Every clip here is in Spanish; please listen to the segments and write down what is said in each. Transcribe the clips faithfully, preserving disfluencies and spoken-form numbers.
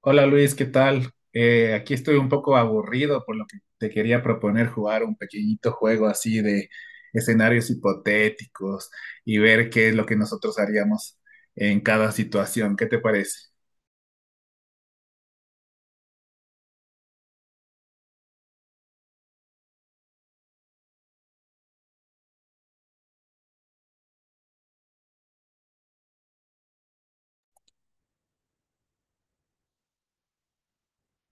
Hola Luis, ¿qué tal? Eh, aquí estoy un poco aburrido, por lo que te quería proponer jugar un pequeñito juego así de escenarios hipotéticos y ver qué es lo que nosotros haríamos en cada situación. ¿Qué te parece?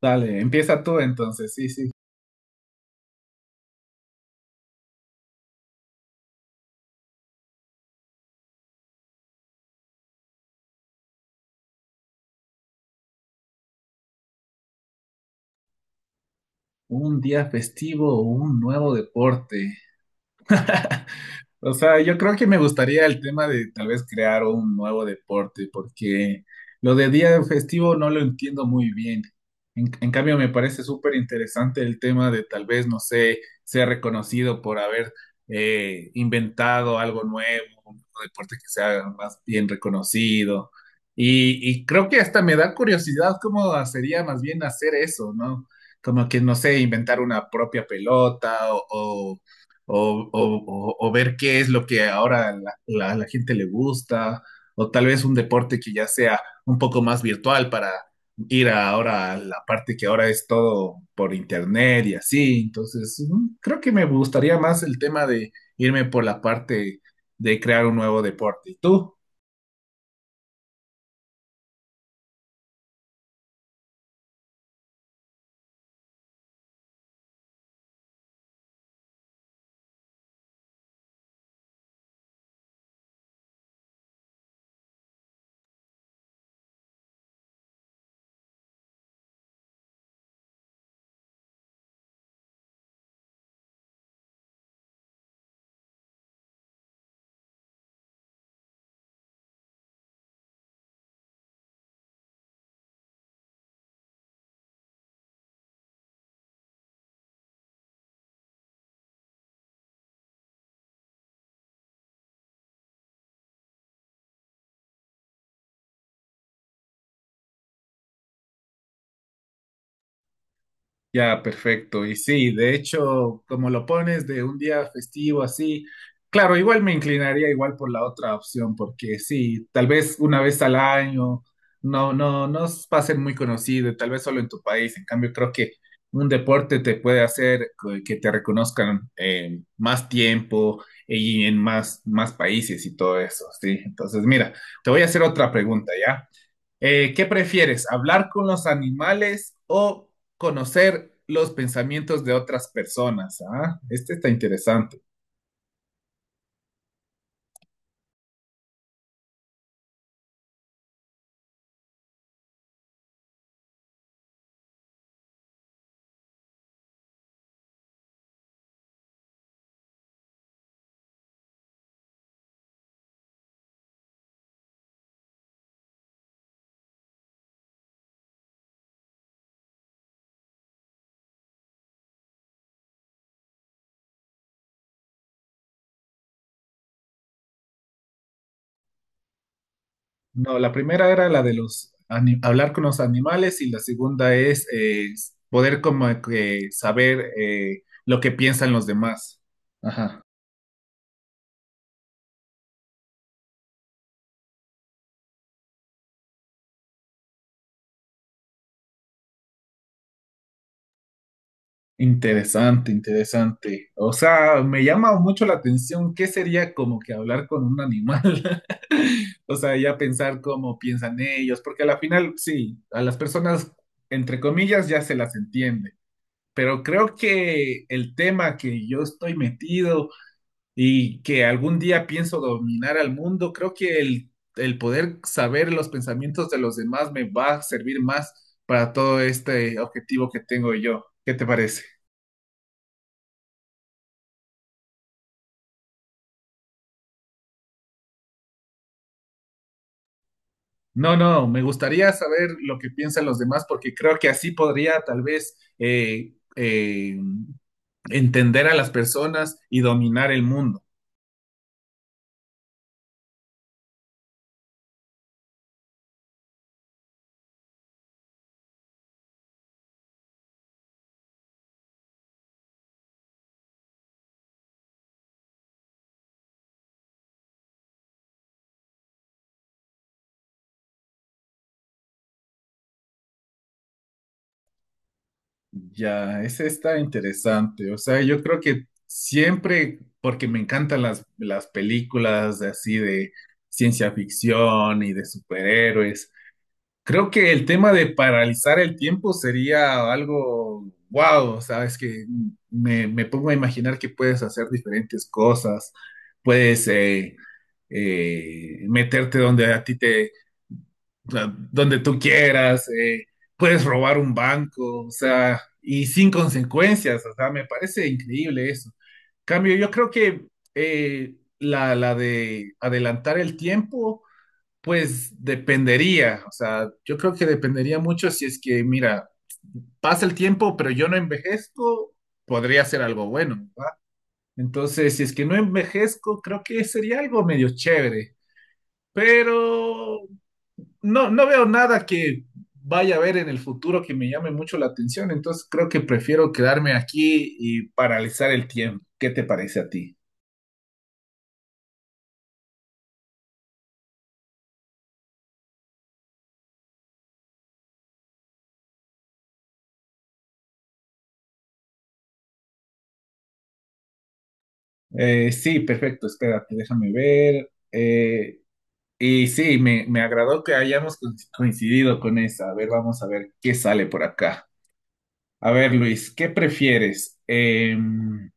Dale, empieza tú entonces. Sí, sí. Un día festivo o un nuevo deporte. O sea, yo creo que me gustaría el tema de tal vez crear un nuevo deporte, porque lo de día festivo no lo entiendo muy bien. En, en cambio, me parece súper interesante el tema de tal vez, no sé, ser reconocido por haber eh, inventado algo nuevo, un deporte que sea más bien reconocido. Y, y creo que hasta me da curiosidad cómo sería más bien hacer eso, ¿no? Como que, no sé, inventar una propia pelota o o, o- o- o ver qué es lo que ahora a la, la- la gente le gusta, o tal vez un deporte que ya sea un poco más virtual para ir a- ahora a la parte que ahora es todo por internet y así. Entonces, mm, creo que me gustaría más el tema de irme por la parte de crear un nuevo deporte. ¿Y tú? Ya, perfecto. Y sí, de hecho, como lo pones de un día festivo así, claro, igual me inclinaría igual por la otra opción, porque sí, tal vez una vez al año, no, no, no s- va a ser muy conocido, tal vez solo en tu país. En cambio, creo que un deporte te puede hacer que que te reconozcan, eh, más tiempo y en más, más países y todo eso, sí. Entonces, mira, te voy a hacer otra pregunta, ¿ya? Eh, ¿qué prefieres? ¿Hablar con los animales o conocer los pensamientos de otras personas? Ah, este está interesante. No, la primera era la de los ani- hablar con los animales y la segunda es eh, poder como que saber eh, lo que piensan los demás. Ajá. Interesante, interesante. O sea, me llama mucho la atención qué sería como que hablar con un animal. O sea, ya pensar cómo piensan ellos, porque a la final, sí, a las personas, entre comillas, ya se las entiende. Pero creo que el tema que yo estoy metido y que algún día pienso dominar al mundo, creo que el, el poder saber los pensamientos de los demás me va a servir más para todo este objetivo que tengo yo. ¿Qué te parece? No, no, me gustaría saber lo que piensan los demás porque creo que así podría tal vez eh, eh, entender a las personas y dominar el mundo. Ya, ese está interesante. O sea, yo creo que siempre, porque me encantan las, las películas de así de ciencia ficción y de superhéroes. Creo que el tema de paralizar el tiempo sería algo wow, sabes que me, me pongo a imaginar que puedes hacer diferentes cosas, puedes eh, eh, meterte donde a ti te, donde tú quieras, eh, puedes robar un banco, o sea, y sin consecuencias, o sea, me parece increíble eso. Cambio, yo creo que, eh, la, la de adelantar el tiempo pues dependería, o sea, yo creo que dependería mucho si es que, mira, pasa el tiempo, pero yo no envejezco, podría ser algo bueno. Entonces, si es que no envejezco, creo que sería algo medio chévere, pero no, no veo nada que vaya a ver en el futuro que me llame mucho la atención, entonces creo que prefiero quedarme aquí y paralizar el tiempo. ¿Qué te parece a ti? Eh, sí, perfecto, espérate, déjame ver. Eh, Y sí, me, me agradó que hayamos co- coincidido con esa. A ver, vamos a ver qué sale por acá. A ver, Luis, ¿qué prefieres? Em,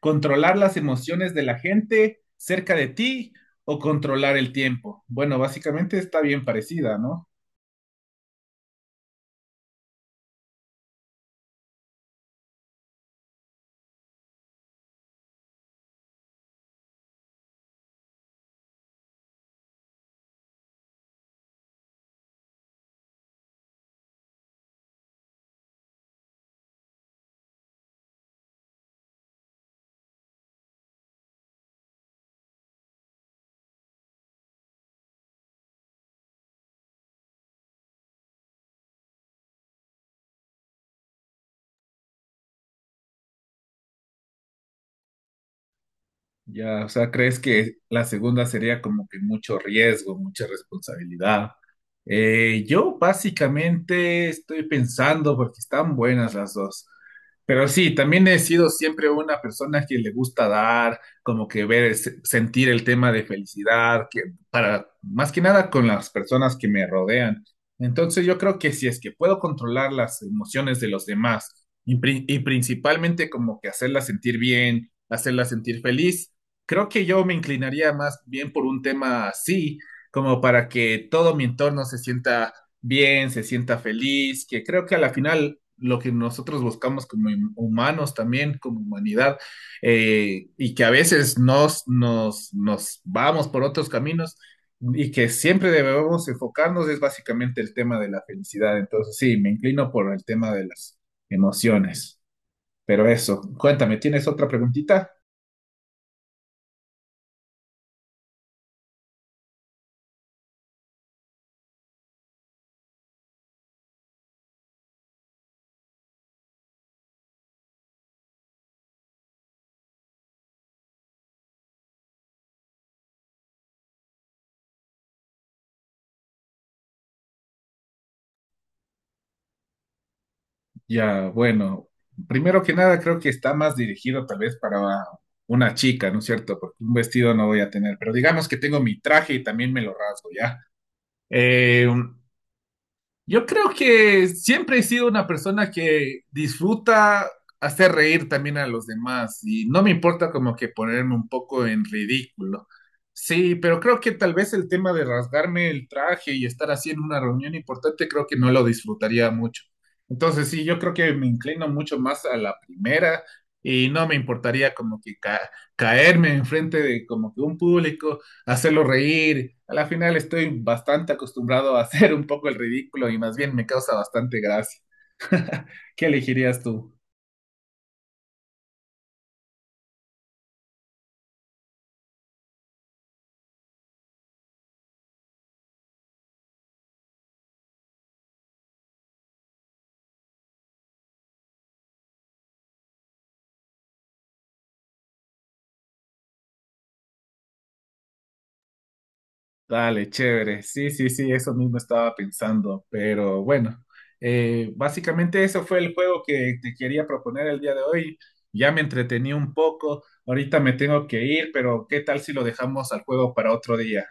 ¿Controlar las emociones de la gente cerca de ti o controlar el tiempo? Bueno, básicamente está bien parecida, ¿no? Ya, o sea, ¿crees que la segunda sería como que mucho riesgo, mucha responsabilidad? Eh, yo básicamente estoy pensando porque están buenas las dos. Pero sí, también he sido siempre una persona que le gusta dar, como que ver, se- sentir el tema de felicidad, que para más que nada con las personas que me rodean. Entonces yo creo que si es que puedo controlar las emociones de los demás y, pri- y principalmente como que hacerlas sentir bien, hacerlas sentir feliz, creo que yo me inclinaría más bien por un tema así, como para que todo mi entorno se sienta bien, se sienta feliz, que creo que a la final lo que nosotros buscamos como hum- humanos también, como humanidad, eh, y que a veces nos, nos, nos vamos por otros caminos y que siempre debemos enfocarnos es básicamente el tema de la felicidad. Entonces, sí, me inclino por el tema de las emociones. Pero eso, cuéntame, ¿tienes otra preguntita? Ya, bueno, primero que nada creo que está más dirigido tal vez para una chica, ¿no es cierto? Porque un vestido no voy a tener, pero digamos que tengo mi traje y también me lo rasgo, ¿ya? Eh, Yo creo que siempre he sido una persona que disfruta hacer reír también a los demás y no me importa como que ponerme un poco en ridículo. Sí, pero creo que tal vez el tema de rasgarme el traje y estar así en una reunión importante, creo que no lo disfrutaría mucho. Entonces, sí, yo creo que me inclino mucho más a la primera y no me importaría como que ca- caerme enfrente de como que un público hacerlo reír. A la final estoy bastante acostumbrado a hacer un poco el ridículo y más bien me causa bastante gracia. ¿Qué elegirías tú? Dale, chévere. Sí, sí, sí, eso mismo estaba pensando, pero bueno, eh, básicamente eso fue el juego que te quería proponer el día de hoy. Ya me entretení un poco, ahorita me tengo que ir, pero ¿qué tal si lo dejamos al juego para otro día?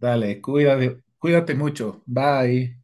Dale, cuídate, cuídate mucho. Bye.